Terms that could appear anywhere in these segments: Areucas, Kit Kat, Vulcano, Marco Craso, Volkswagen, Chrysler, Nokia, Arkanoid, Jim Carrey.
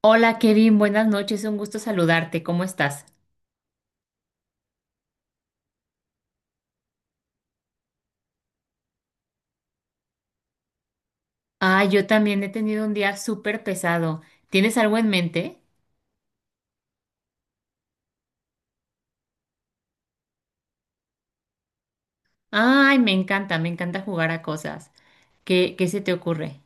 Hola Kevin, buenas noches, un gusto saludarte, ¿cómo estás? Ah, yo también he tenido un día súper pesado. ¿Tienes algo en mente? Ay, me encanta jugar a cosas. ¿¿Qué se te ocurre?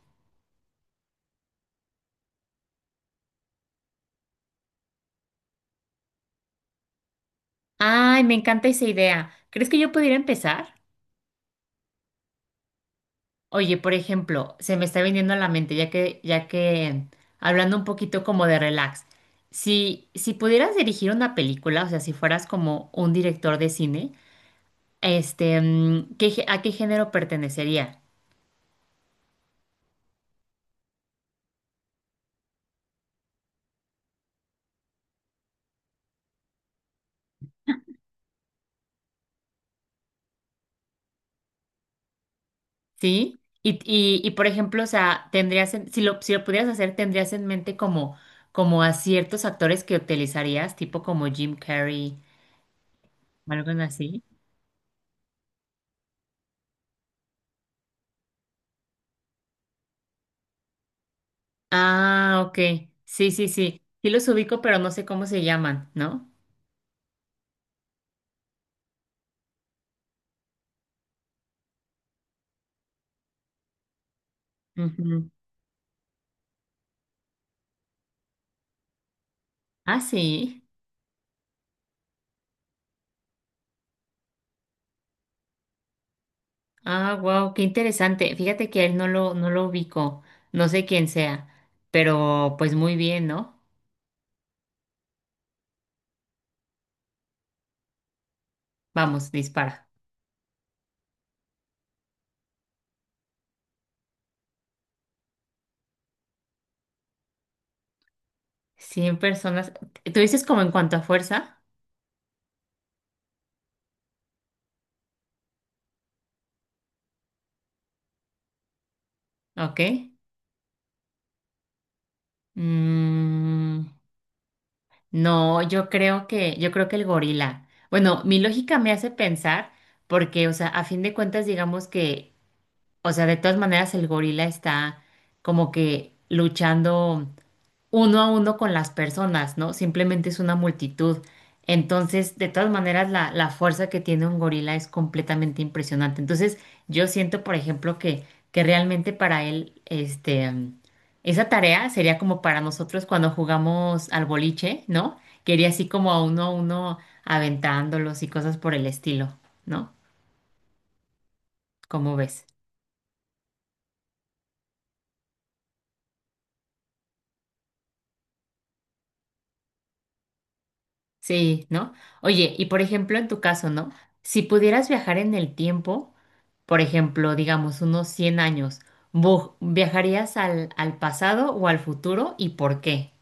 Ay, me encanta esa idea. ¿Crees que yo pudiera empezar? Oye, por ejemplo, se me está viniendo a la mente, hablando un poquito como de relax, si pudieras dirigir una película, o sea, si fueras como un director de cine, ¿ a qué género pertenecería? Sí, por ejemplo, o sea, si lo pudieras hacer, tendrías en mente como, como a ciertos actores que utilizarías, tipo como Jim Carrey, algo así. Ah, ok. Sí, sí, sí. Sí los ubico, pero no sé cómo se llaman, ¿no? Ujú. Ah, sí. Ah, wow, qué interesante. Fíjate que a él no lo ubico. No sé quién sea, pero pues muy bien, ¿no? Vamos, dispara. 100 personas. ¿Tú dices como en cuanto a fuerza? Ok. Mm, no, yo creo que el gorila. Bueno, mi lógica me hace pensar, porque, o sea, a fin de cuentas, digamos que, o sea, de todas maneras el gorila está como que luchando uno a uno con las personas, ¿no? Simplemente es una multitud. Entonces, de todas maneras, la fuerza que tiene un gorila es completamente impresionante. Entonces, yo siento, por ejemplo, que realmente para él, esa tarea sería como para nosotros cuando jugamos al boliche, ¿no? Que iría así como a uno aventándolos y cosas por el estilo, ¿no? ¿Cómo ves? Sí, ¿no? Oye, y por ejemplo, en tu caso, ¿no? Si pudieras viajar en el tiempo, por ejemplo, digamos unos 100 años, ¿viajarías al pasado o al futuro y por qué?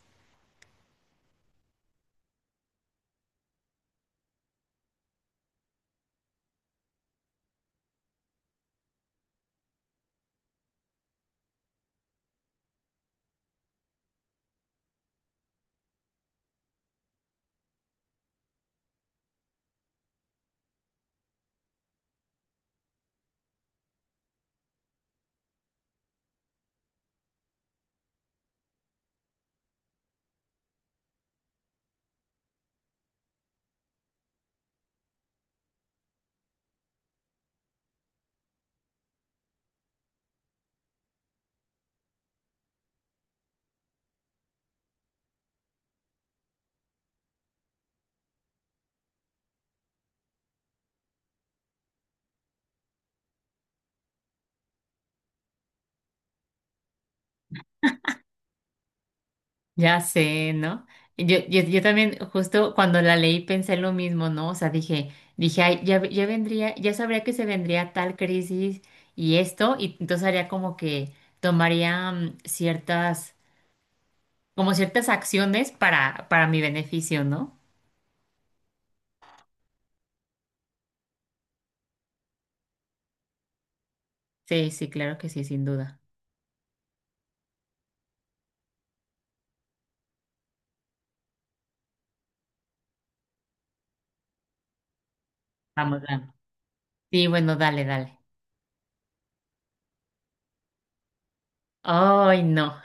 Ya sé, ¿no? Yo también, justo cuando la leí, pensé lo mismo, ¿no? O sea, dije, ay, ya vendría, ya sabría que se vendría tal crisis y esto, y entonces haría como que tomaría ciertas, como ciertas acciones para mi beneficio, ¿no? Sí, sí, claro que sí, sin duda. Vamos, vamos. Sí, bueno, dale, dale. Ay, no.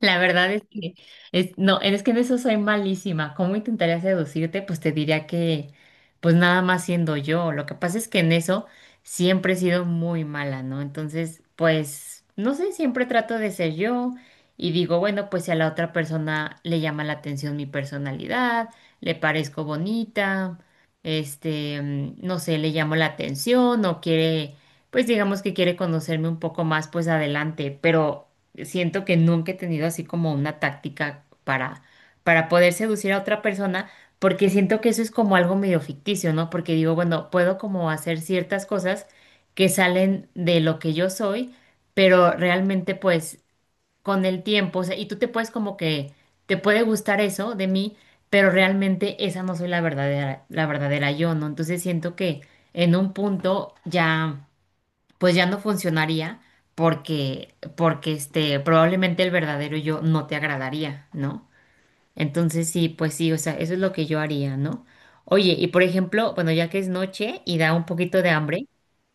La verdad es que es, no, es que en eso soy malísima. ¿Cómo intentaría seducirte? Pues te diría que, pues nada más siendo yo. Lo que pasa es que en eso siempre he sido muy mala, ¿no? Entonces, pues, no sé, siempre trato de ser yo y digo, bueno, pues si a la otra persona le llama la atención mi personalidad, le parezco bonita, no sé, le llamo la atención o quiere, pues digamos que quiere conocerme un poco más, pues adelante, pero siento que nunca he tenido así como una táctica para poder seducir a otra persona, porque siento que eso es como algo medio ficticio, ¿no? Porque digo, bueno, puedo como hacer ciertas cosas que salen de lo que yo soy, pero realmente pues con el tiempo, o sea, y tú te puedes como que, te puede gustar eso de mí, pero realmente esa no soy la verdadera yo, ¿no? Entonces siento que en un punto ya pues ya no funcionaría porque, probablemente el verdadero yo no te agradaría, ¿no? Entonces sí, pues sí, o sea, eso es lo que yo haría, ¿no? Oye, y por ejemplo, bueno, ya que es noche y da un poquito de hambre,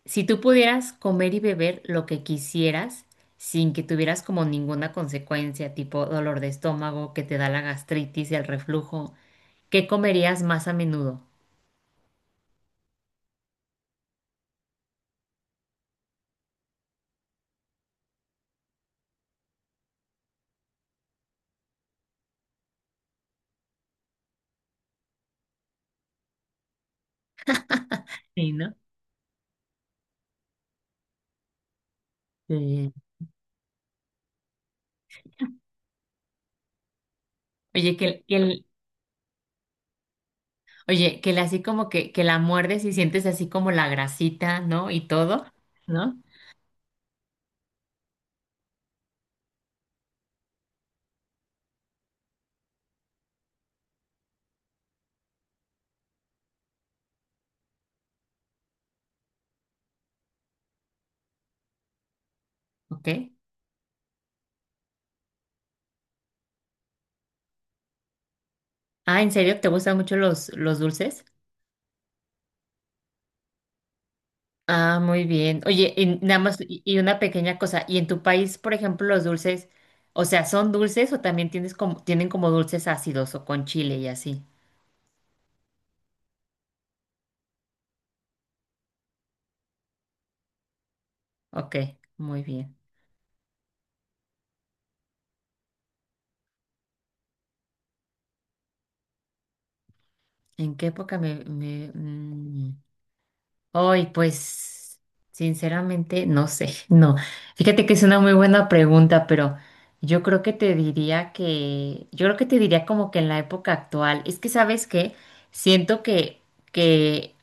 si tú pudieras comer y beber lo que quisieras sin que tuvieras como ninguna consecuencia, tipo dolor de estómago, que te da la gastritis y el reflujo, ¿qué comerías más a menudo? Sí, ¿no? Sí. Oye, que, el- que el- Oye, que la, así como que la muerdes y sientes así como la grasita, ¿no? Y todo, ¿no? Ok. Ah, ¿en serio? ¿Te gustan mucho los dulces? Ah, muy bien. Oye, y nada más, y una pequeña cosa. ¿Y en tu país, por ejemplo, los dulces, o sea, son dulces o también tienes como, tienen como dulces ácidos o con chile y así? Ok, muy bien. ¿En qué época me, me, mm, Hoy, pues, sinceramente, no sé, no. Fíjate que es una muy buena pregunta, pero yo creo que te diría como que en la época actual, es que sabes que siento que,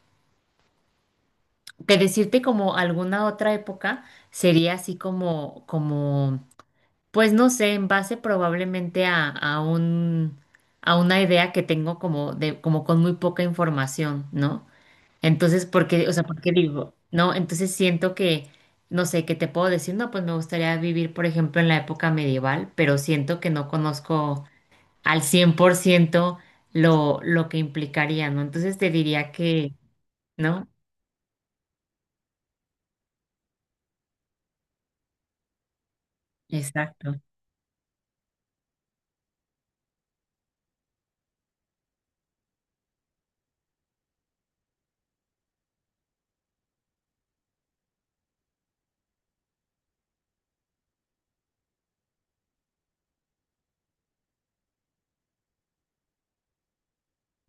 que decirte como alguna otra época sería así como, como, pues no sé, en base probablemente a un, a una idea que tengo como de, como con muy poca información, ¿no? Entonces, ¿por qué? O sea, ¿por qué digo? No, entonces siento que, no sé, ¿qué te puedo decir? No, pues me gustaría vivir, por ejemplo, en la época medieval, pero siento que no conozco al 100% lo que implicaría, ¿no? Entonces te diría que, ¿no? Exacto.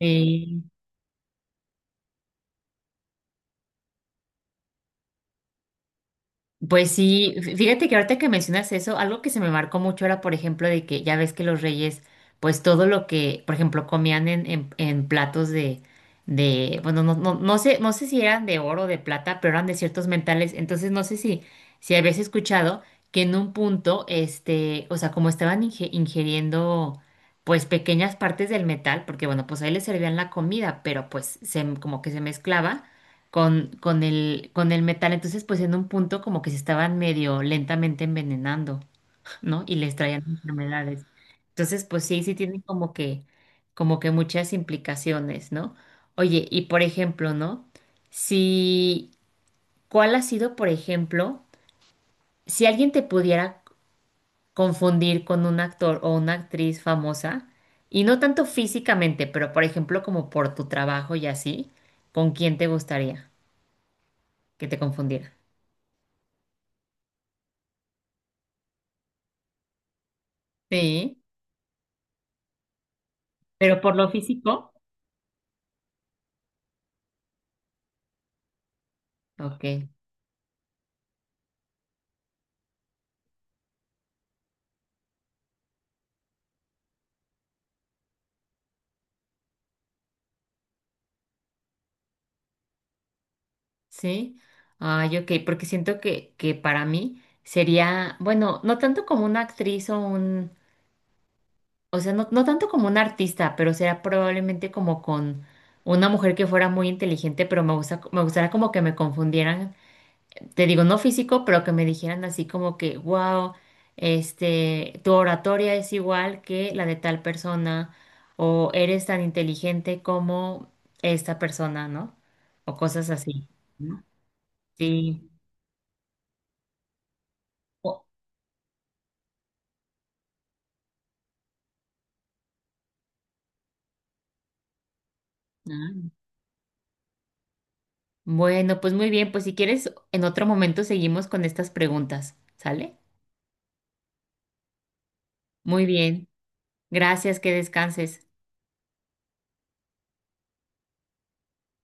Eh, pues sí, fíjate que ahorita que mencionas eso, algo que se me marcó mucho era, por ejemplo, de que ya ves que los reyes, pues todo lo que, por ejemplo, comían en platos de, bueno, no sé, no sé si eran de oro o de plata, pero eran de ciertos mentales. Entonces, no sé si, si habías escuchado que en un punto, o sea, como estaban ingiriendo, pues pequeñas partes del metal, porque bueno, pues ahí les servían la comida, pero pues se, como que se mezclaba con, con el metal. Entonces, pues en un punto como que se estaban medio lentamente envenenando, ¿no? Y les traían enfermedades. Entonces, pues sí, sí tienen como que muchas implicaciones, ¿no? Oye, y por ejemplo, ¿no? Si, ¿cuál ha sido, por ejemplo, si alguien te pudiera confundir con un actor o una actriz famosa, y no tanto físicamente, pero por ejemplo como por tu trabajo y así, ¿con quién te gustaría que te confundiera? Sí, pero por lo físico, ok, sí. Ay, ok, porque siento que para mí sería, bueno, no tanto como una actriz o un, o sea, no, no tanto como un artista, pero sería probablemente como con una mujer que fuera muy inteligente, pero me gusta, me gustaría como que me confundieran, te digo, no físico, pero que me dijeran así como que, wow, tu oratoria es igual que la de tal persona, o eres tan inteligente como esta persona, ¿no? O cosas así, ¿no? Sí. O- ah, bueno, pues muy bien, pues si quieres, en otro momento seguimos con estas preguntas, ¿sale? Muy bien, gracias, que descanses.